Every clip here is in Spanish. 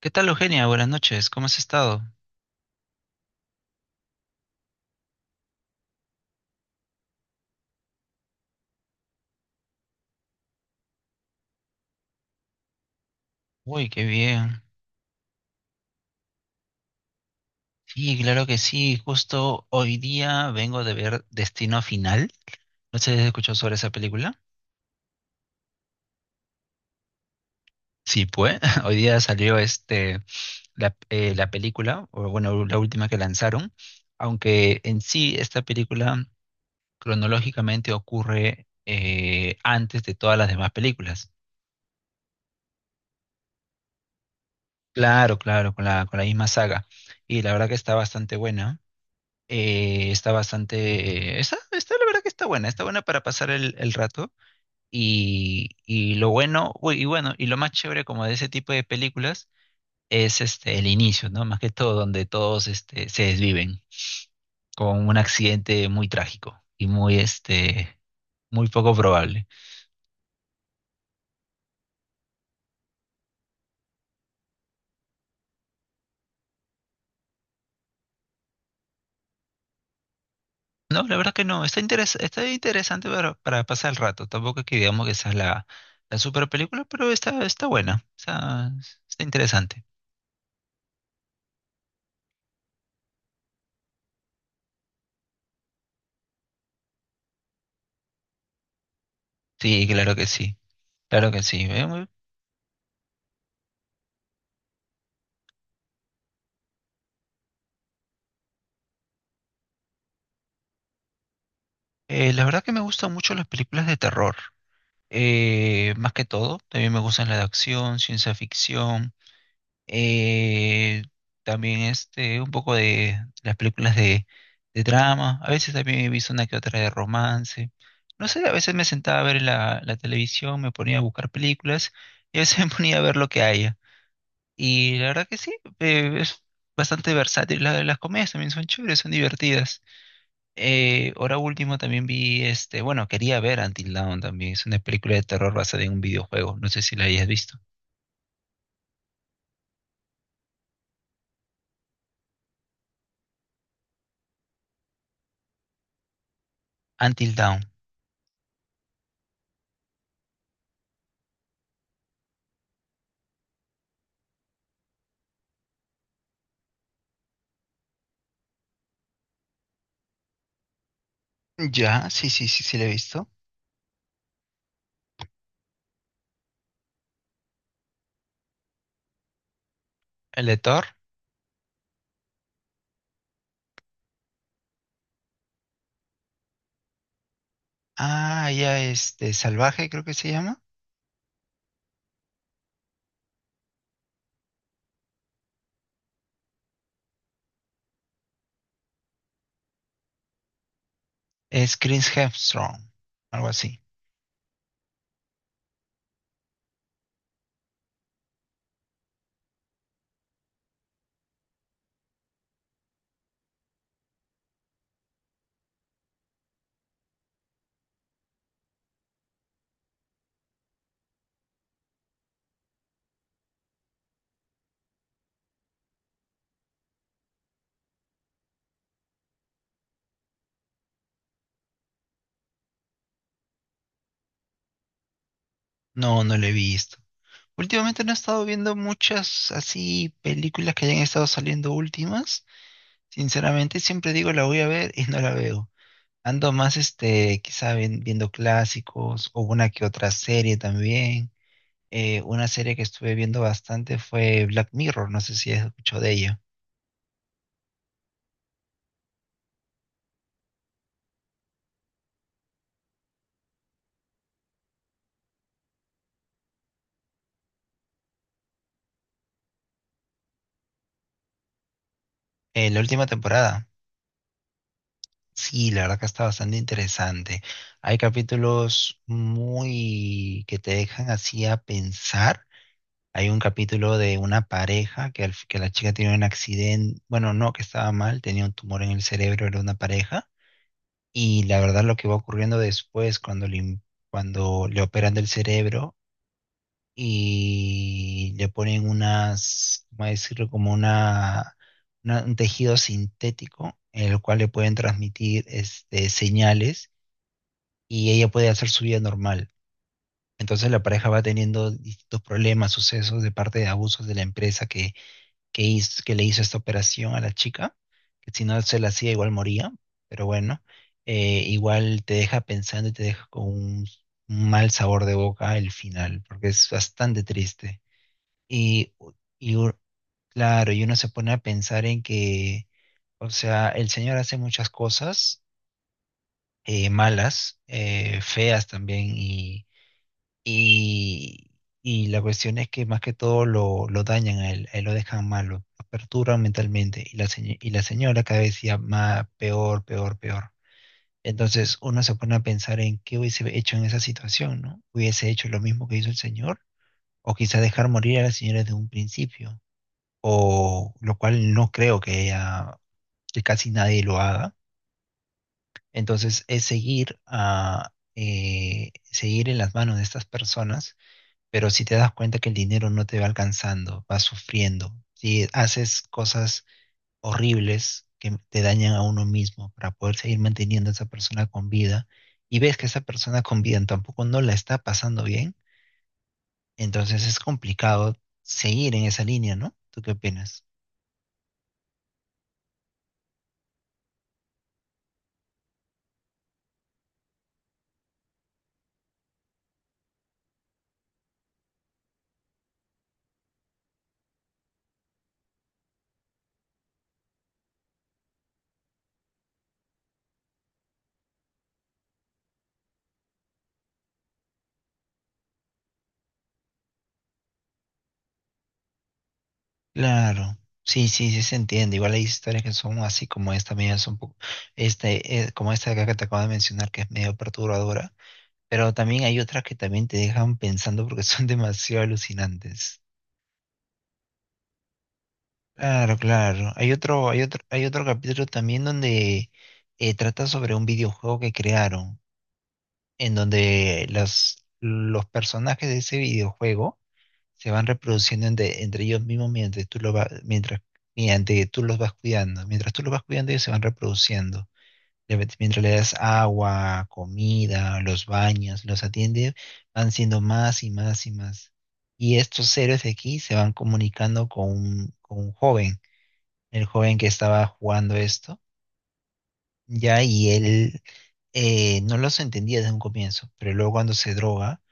¿Qué tal, Eugenia? Buenas noches, ¿cómo has estado? Uy, qué bien. Sí, claro que sí. Justo hoy día vengo de ver Destino Final. No sé si has escuchado sobre esa película. Sí, pues. Hoy día salió la película, o bueno, la última que lanzaron. Aunque en sí esta película cronológicamente ocurre antes de todas las demás películas. Claro, claro, con la misma saga. Y la verdad que está bastante buena. Está bastante, la verdad que está buena para pasar el rato y lo bueno, uy, y bueno, y lo más chévere como de ese tipo de películas es el inicio, ¿no? Más que todo, donde todos se desviven con un accidente muy trágico y muy, muy poco probable. No, la verdad que no, está interesante para pasar el rato, tampoco es que digamos que esa es la super película, pero está, está buena, está, está interesante. Sí, claro que sí. Claro que sí. La verdad que me gustan mucho las películas de terror. Más que todo, también me gustan las de acción, ciencia ficción. eh, también un poco de las películas de drama. A veces también he visto una que otra de romance. No sé, a veces me sentaba a ver la televisión, me ponía a buscar películas y a veces me ponía a ver lo que haya. Y la verdad que sí, es bastante versátil. La- las comedias también son chéveres, son divertidas. Ahora último también vi bueno, quería ver Until Dawn también. Es una película de terror basada en un videojuego. No sé si la hayas visto. Until Dawn. Ya, sí, sí, sí, sí la he visto. El de Thor. Ah, ya Salvaje creo que se llama. Es Chris Hemsworth, algo así. No, no la he visto. Últimamente no he estado viendo muchas así películas que hayan estado saliendo últimas. Sinceramente, siempre digo la voy a ver y no la veo. Ando más, quizá viendo clásicos o una que otra serie también. Una serie que estuve viendo bastante fue Black Mirror, no sé si has escuchado de ella. La última temporada, sí, la verdad que está bastante interesante. Hay capítulos muy que te dejan así a pensar. Hay un capítulo de una pareja que la chica tiene un accidente, bueno, no, que estaba mal, tenía un tumor en el cerebro, era una pareja. Y la verdad lo que va ocurriendo después cuando cuando le operan del cerebro y le ponen unas, ¿cómo decirlo? Como un tejido sintético en el cual le pueden transmitir señales y ella puede hacer su vida normal. Entonces la pareja va teniendo distintos problemas, sucesos de parte de abusos de la empresa que le hizo esta operación a la chica, que si no se la hacía igual moría, pero bueno, igual te deja pensando y te deja con un mal sabor de boca el final, porque es bastante triste. Y, y u- claro, y uno se pone a pensar en que, o sea, el señor hace muchas cosas malas, feas también, y, y la cuestión es que más que todo lo dañan a él lo dejan malo, lo perturban mentalmente. Y y la señora cada vez decía más, peor, peor, peor. Entonces uno se pone a pensar en qué hubiese hecho en esa situación, ¿no? ¿Hubiese hecho lo mismo que hizo el señor? O quizá dejar morir a la señora desde un principio, o lo cual no creo que casi nadie lo haga. Entonces es seguir seguir en las manos de estas personas, pero si te das cuenta que el dinero no te va alcanzando, vas sufriendo, si haces cosas horribles que te dañan a uno mismo para poder seguir manteniendo a esa persona con vida y ves que esa persona con vida tampoco no la está pasando bien, entonces es complicado seguir en esa línea, ¿no? ¿Tú qué opinas? Claro. Sí, sí, sí se entiende. Igual hay historias que son así como esta, media son un poco, como esta de acá que te acabo de mencionar, que es medio perturbadora. Pero también hay otras que también te dejan pensando porque son demasiado alucinantes. Claro, claro. Hay otro capítulo también donde trata sobre un videojuego que crearon, en donde los personajes de ese videojuego se van reproduciendo entre ellos mismos mientras, mediante tú los vas cuidando. Mientras tú los vas cuidando, ellos se van reproduciendo. Mientras le das agua, comida, los baños, los atiende, van siendo más y más y más. Y estos héroes de aquí se van comunicando con con un joven, el joven que estaba jugando esto, ya, y él no los entendía desde un comienzo, pero luego cuando se droga,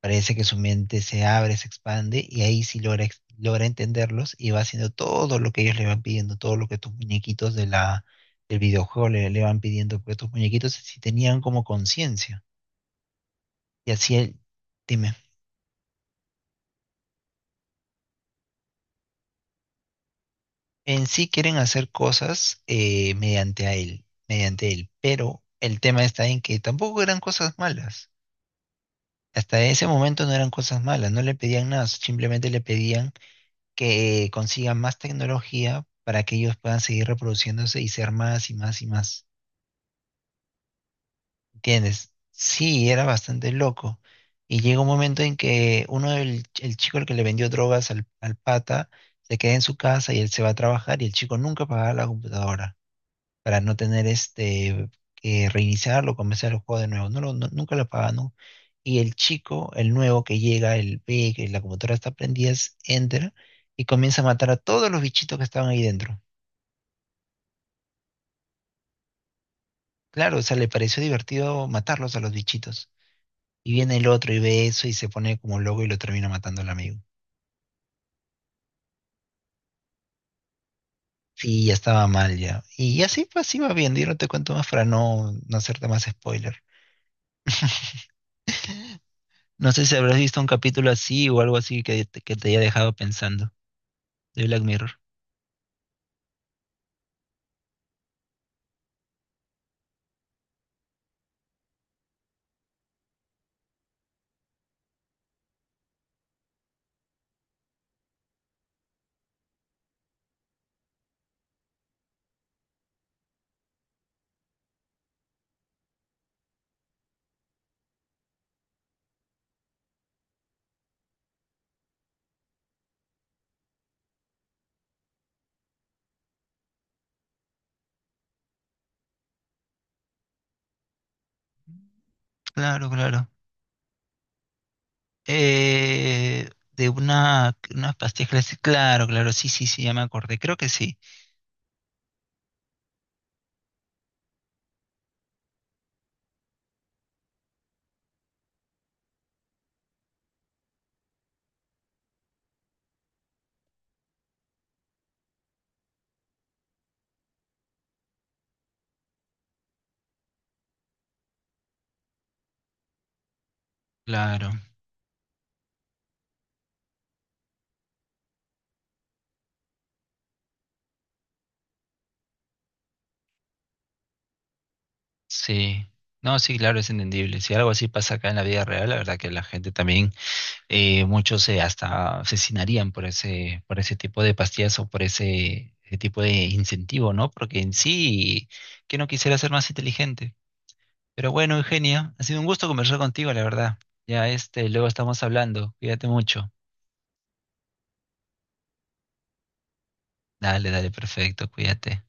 parece que su mente se abre, se expande y ahí sí logra entenderlos y va haciendo todo lo que ellos le van pidiendo, todo lo que tus muñequitos de del videojuego le van pidiendo, porque tus muñequitos sí tenían como conciencia. Y así él, dime, en sí quieren hacer cosas mediante él, pero el tema está en que tampoco eran cosas malas. Hasta ese momento no eran cosas malas, no le pedían nada, simplemente le pedían que consigan más tecnología para que ellos puedan seguir reproduciéndose y ser más y más y más. ¿Entiendes? Sí, era bastante loco. Y llega un momento en que uno, el chico el que le vendió drogas al pata, se queda en su casa y él se va a trabajar y el chico nunca pagaba la computadora para no tener que reiniciarlo, comenzar el juego de nuevo. Nunca lo pagaba, ¿no? Y el chico, el nuevo que llega, el ve que la computadora está prendida, entra y comienza a matar a todos los bichitos que estaban ahí dentro. Claro, o sea, le pareció divertido matarlos a los bichitos. Y viene el otro y ve eso y se pone como loco y lo termina matando al amigo. Sí, ya estaba mal ya. Y así pues así va bien, yo no te cuento más para no hacerte más spoiler. No sé si habrás visto un capítulo así o algo así que te haya dejado pensando de Black Mirror. Claro, claro. De una, unas pastillas clásicas. Claro, claro, sí, sí, sí, ya me acordé. Creo que sí. Claro, sí. No, sí, claro, es entendible. Si algo así pasa acá en la vida real, la verdad que la gente también muchos se hasta asesinarían por ese tipo de pastillas o por ese, ese tipo de incentivo, ¿no? Porque en sí, que no quisiera ser más inteligente. Pero bueno, Eugenia, ha sido un gusto conversar contigo, la verdad. Ya luego estamos hablando. Cuídate mucho. Dale, dale, perfecto, cuídate.